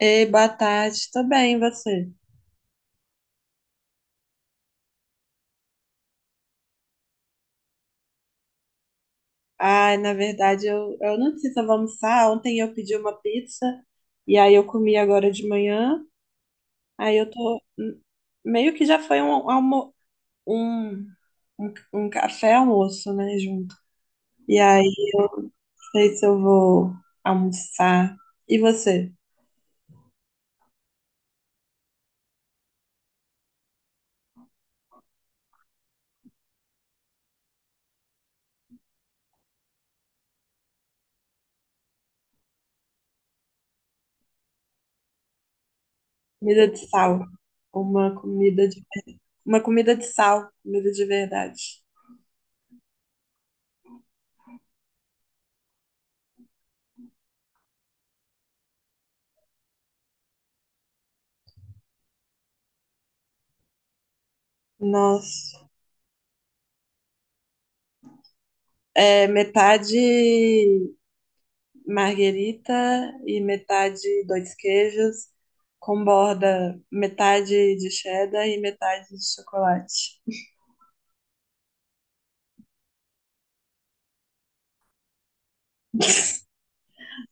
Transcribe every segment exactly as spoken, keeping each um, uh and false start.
Ei, boa tarde, tô bem, e você? Ai, na verdade, eu, eu não sei se eu vou almoçar. Ontem eu pedi uma pizza e aí eu comi agora de manhã. Aí eu tô. Hum, Meio que já foi um, um almo, um, um, um café almoço, né, junto. E aí, não sei se eu vou almoçar. E você? Comida de sal. Uma comida de, uma comida de sal, comida de verdade. Nossa, é metade marguerita e metade dois queijos, com borda metade de cheddar e metade de chocolate.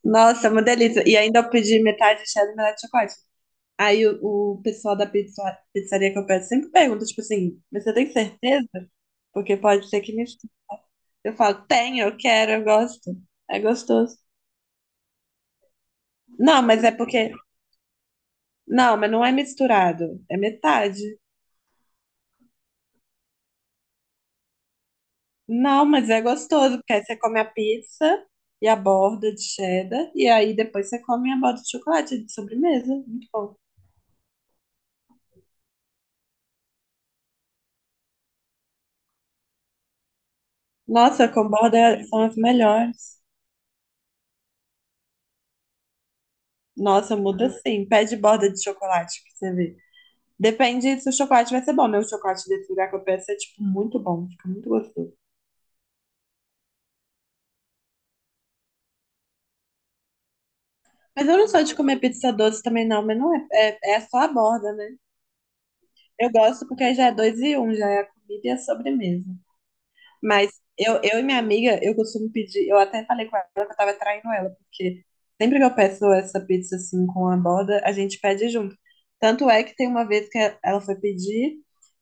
Nossa, é uma delícia. E ainda eu pedi metade de cheddar e metade de chocolate. Aí o, o pessoal da pizza- pizzaria que eu peço sempre pergunta, tipo assim, "Mas você tem certeza? Porque pode ser que me..." Eu falo, tenho, eu quero, eu gosto. É gostoso. Não, mas é porque... Não, mas não é misturado. É metade. Não, mas é gostoso, porque aí você come a pizza e a borda de cheddar, e aí depois você come a borda de chocolate de sobremesa. Muito bom. Nossa, com borda são as melhores. Nossa, muda sim. Pede borda de chocolate pra você ver. Depende se o chocolate vai ser bom, né? O chocolate desse lugar que eu peço é, tipo, muito bom. Fica muito gostoso. Mas eu não sou de comer pizza doce também, não. Mas não é, é, é só a borda, né? Eu gosto porque aí já é dois e um, já é a comida e a sobremesa. Mas eu, eu e minha amiga, eu costumo pedir. Eu até falei com ela que eu tava traindo ela, porque sempre que eu peço essa pizza assim com a borda, a gente pede junto. Tanto é que tem uma vez que ela foi pedir,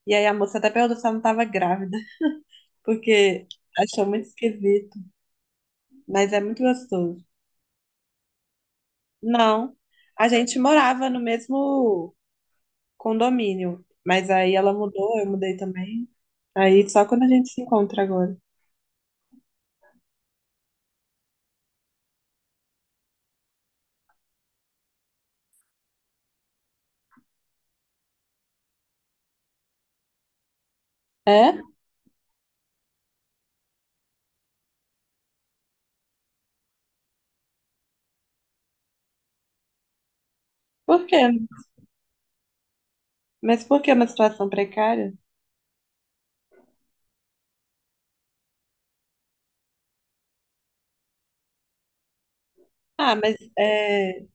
e aí a moça até perguntou se ela não tava grávida, porque achou muito esquisito, mas é muito gostoso. Não, a gente morava no mesmo condomínio, mas aí ela mudou, eu mudei também. Aí só quando a gente se encontra agora. É? Por quê? Mas por que uma situação precária? Ah, mas é.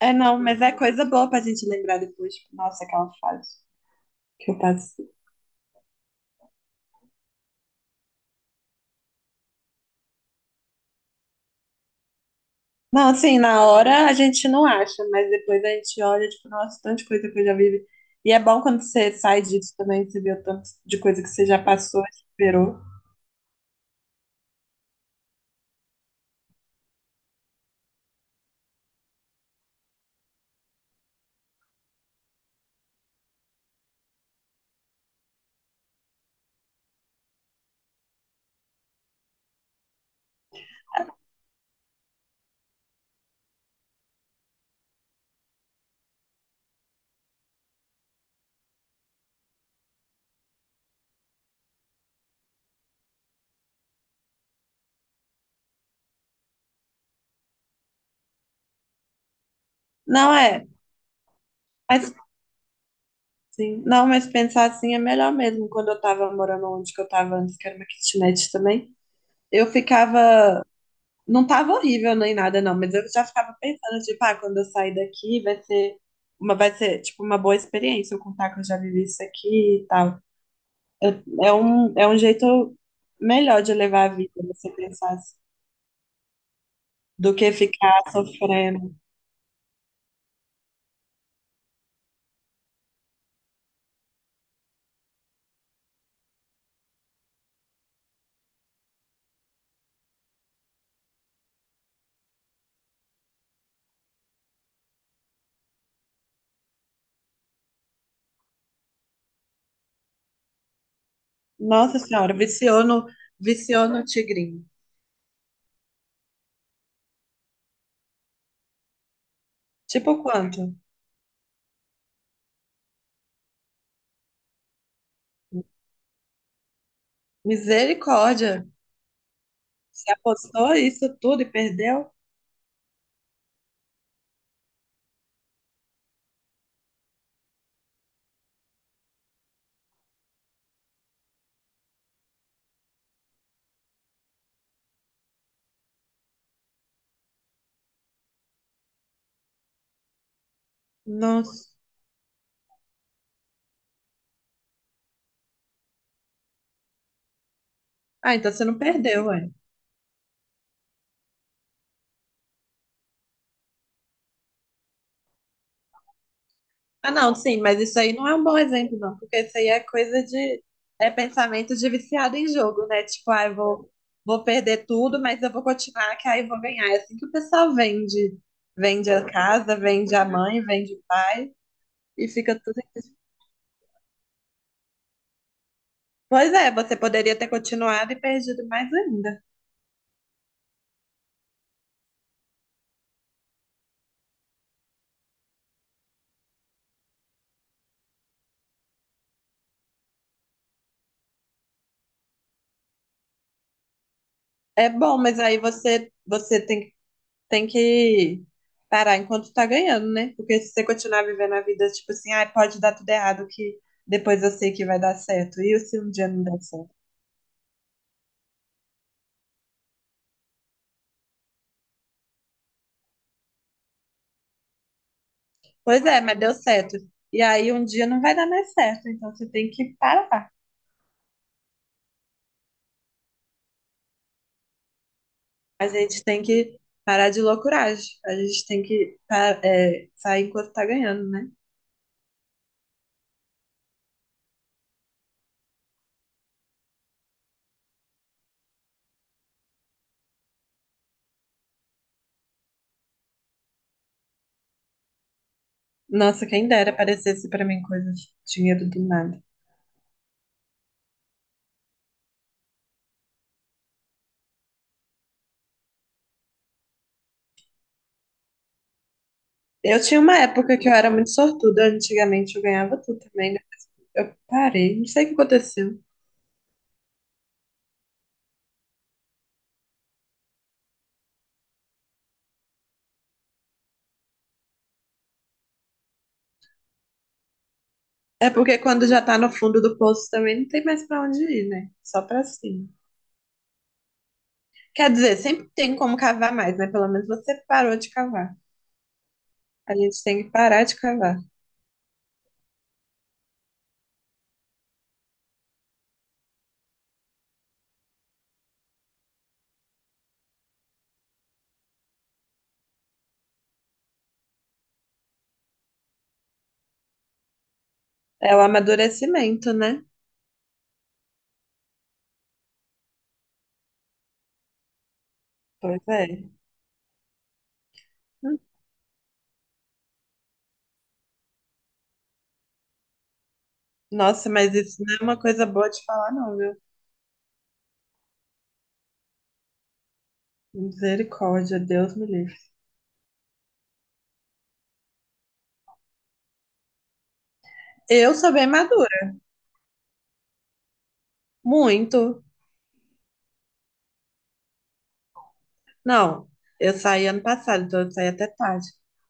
É, não, mas é coisa boa pra gente lembrar depois. Tipo, nossa, aquela fase que eu passei. Não, assim, na hora a gente não acha, mas depois a gente olha, tipo, nossa, tanta coisa que eu já vivi. E é bom quando você sai disso também, você vê o tanto de coisa que você já passou, superou. Não é, mas sim. Não, mas pensar assim é melhor mesmo. Quando eu tava morando onde que eu tava antes, que era uma kitnet também, eu ficava. Não tava horrível nem nada, não, mas eu já ficava pensando, tipo, ah, quando eu sair daqui vai ser uma, vai ser, tipo, uma boa experiência eu contar que eu já vivi isso aqui e tal. Eu- é um, é um jeito melhor de levar a vida, você pensar assim, do que ficar sofrendo. Nossa Senhora, viciou no, viciou no tigrinho. Tipo quanto? Misericórdia. Você apostou isso tudo e perdeu? Nossa. Ah, então você não perdeu, ué. Ah, não, sim, mas isso aí não é um bom exemplo, não, porque isso aí é coisa de, é pensamento de viciado em jogo, né? Tipo, ah, eu vou, vou perder tudo, mas eu vou continuar, que aí eu vou ganhar. É assim que o pessoal vende, vende a casa, vende a mãe, vende o pai, e fica tudo. Pois é, você poderia ter continuado e perdido mais ainda. É bom, mas aí você, você tem tem que parar enquanto tá ganhando, né? Porque se você continuar vivendo a vida, tipo assim, ah, pode dar tudo errado, que depois eu sei que vai dar certo. E se um dia não der certo? Pois é, mas deu certo. E aí um dia não vai dar mais certo, então você tem que parar. A gente tem que parar de loucuragem. A gente tem que pa- é, sair enquanto tá ganhando, né? Nossa, quem dera aparecesse pra mim coisa de dinheiro do nada. Eu tinha uma época que eu era muito sortuda, antigamente eu ganhava tudo também, né? Eu parei, não sei o que aconteceu. É porque quando já tá no fundo do poço também não tem mais pra onde ir, né? Só pra cima. Quer dizer, sempre tem como cavar mais, né? Pelo menos você parou de cavar. A gente tem que parar de cavar. É o amadurecimento, né? Pois é. Hum. Nossa, mas isso não é uma coisa boa de falar, não, viu? Misericórdia, Deus me livre. Eu sou bem madura, muito. Não, eu saí ano passado, então eu saí até tarde.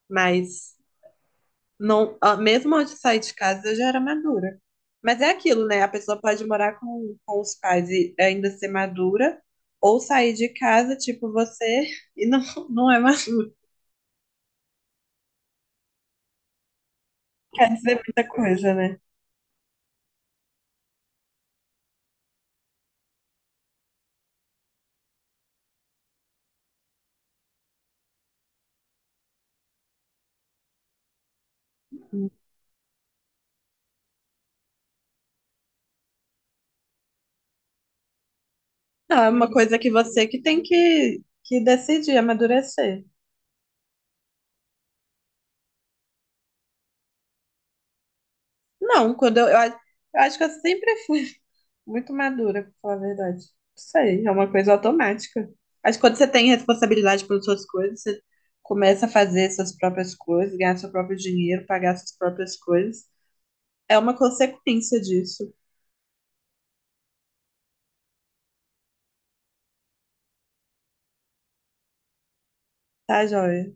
Mas Não, ah, mesmo antes de sair de casa, eu já era madura. Mas é aquilo, né? A pessoa pode morar com, com os pais e ainda ser madura, ou sair de casa, tipo você, e não, não é madura. Quer dizer muita coisa, né? Não, é uma coisa que você que tem que, que decidir, amadurecer. Não, quando eu, eu, a- eu acho que eu sempre fui muito madura, pra falar a verdade. Não sei, é uma coisa automática. Acho que quando você tem responsabilidade pelas suas coisas, você começa a fazer suas próprias coisas, ganhar seu próprio dinheiro, pagar suas próprias coisas. É uma consequência disso, tá, joia?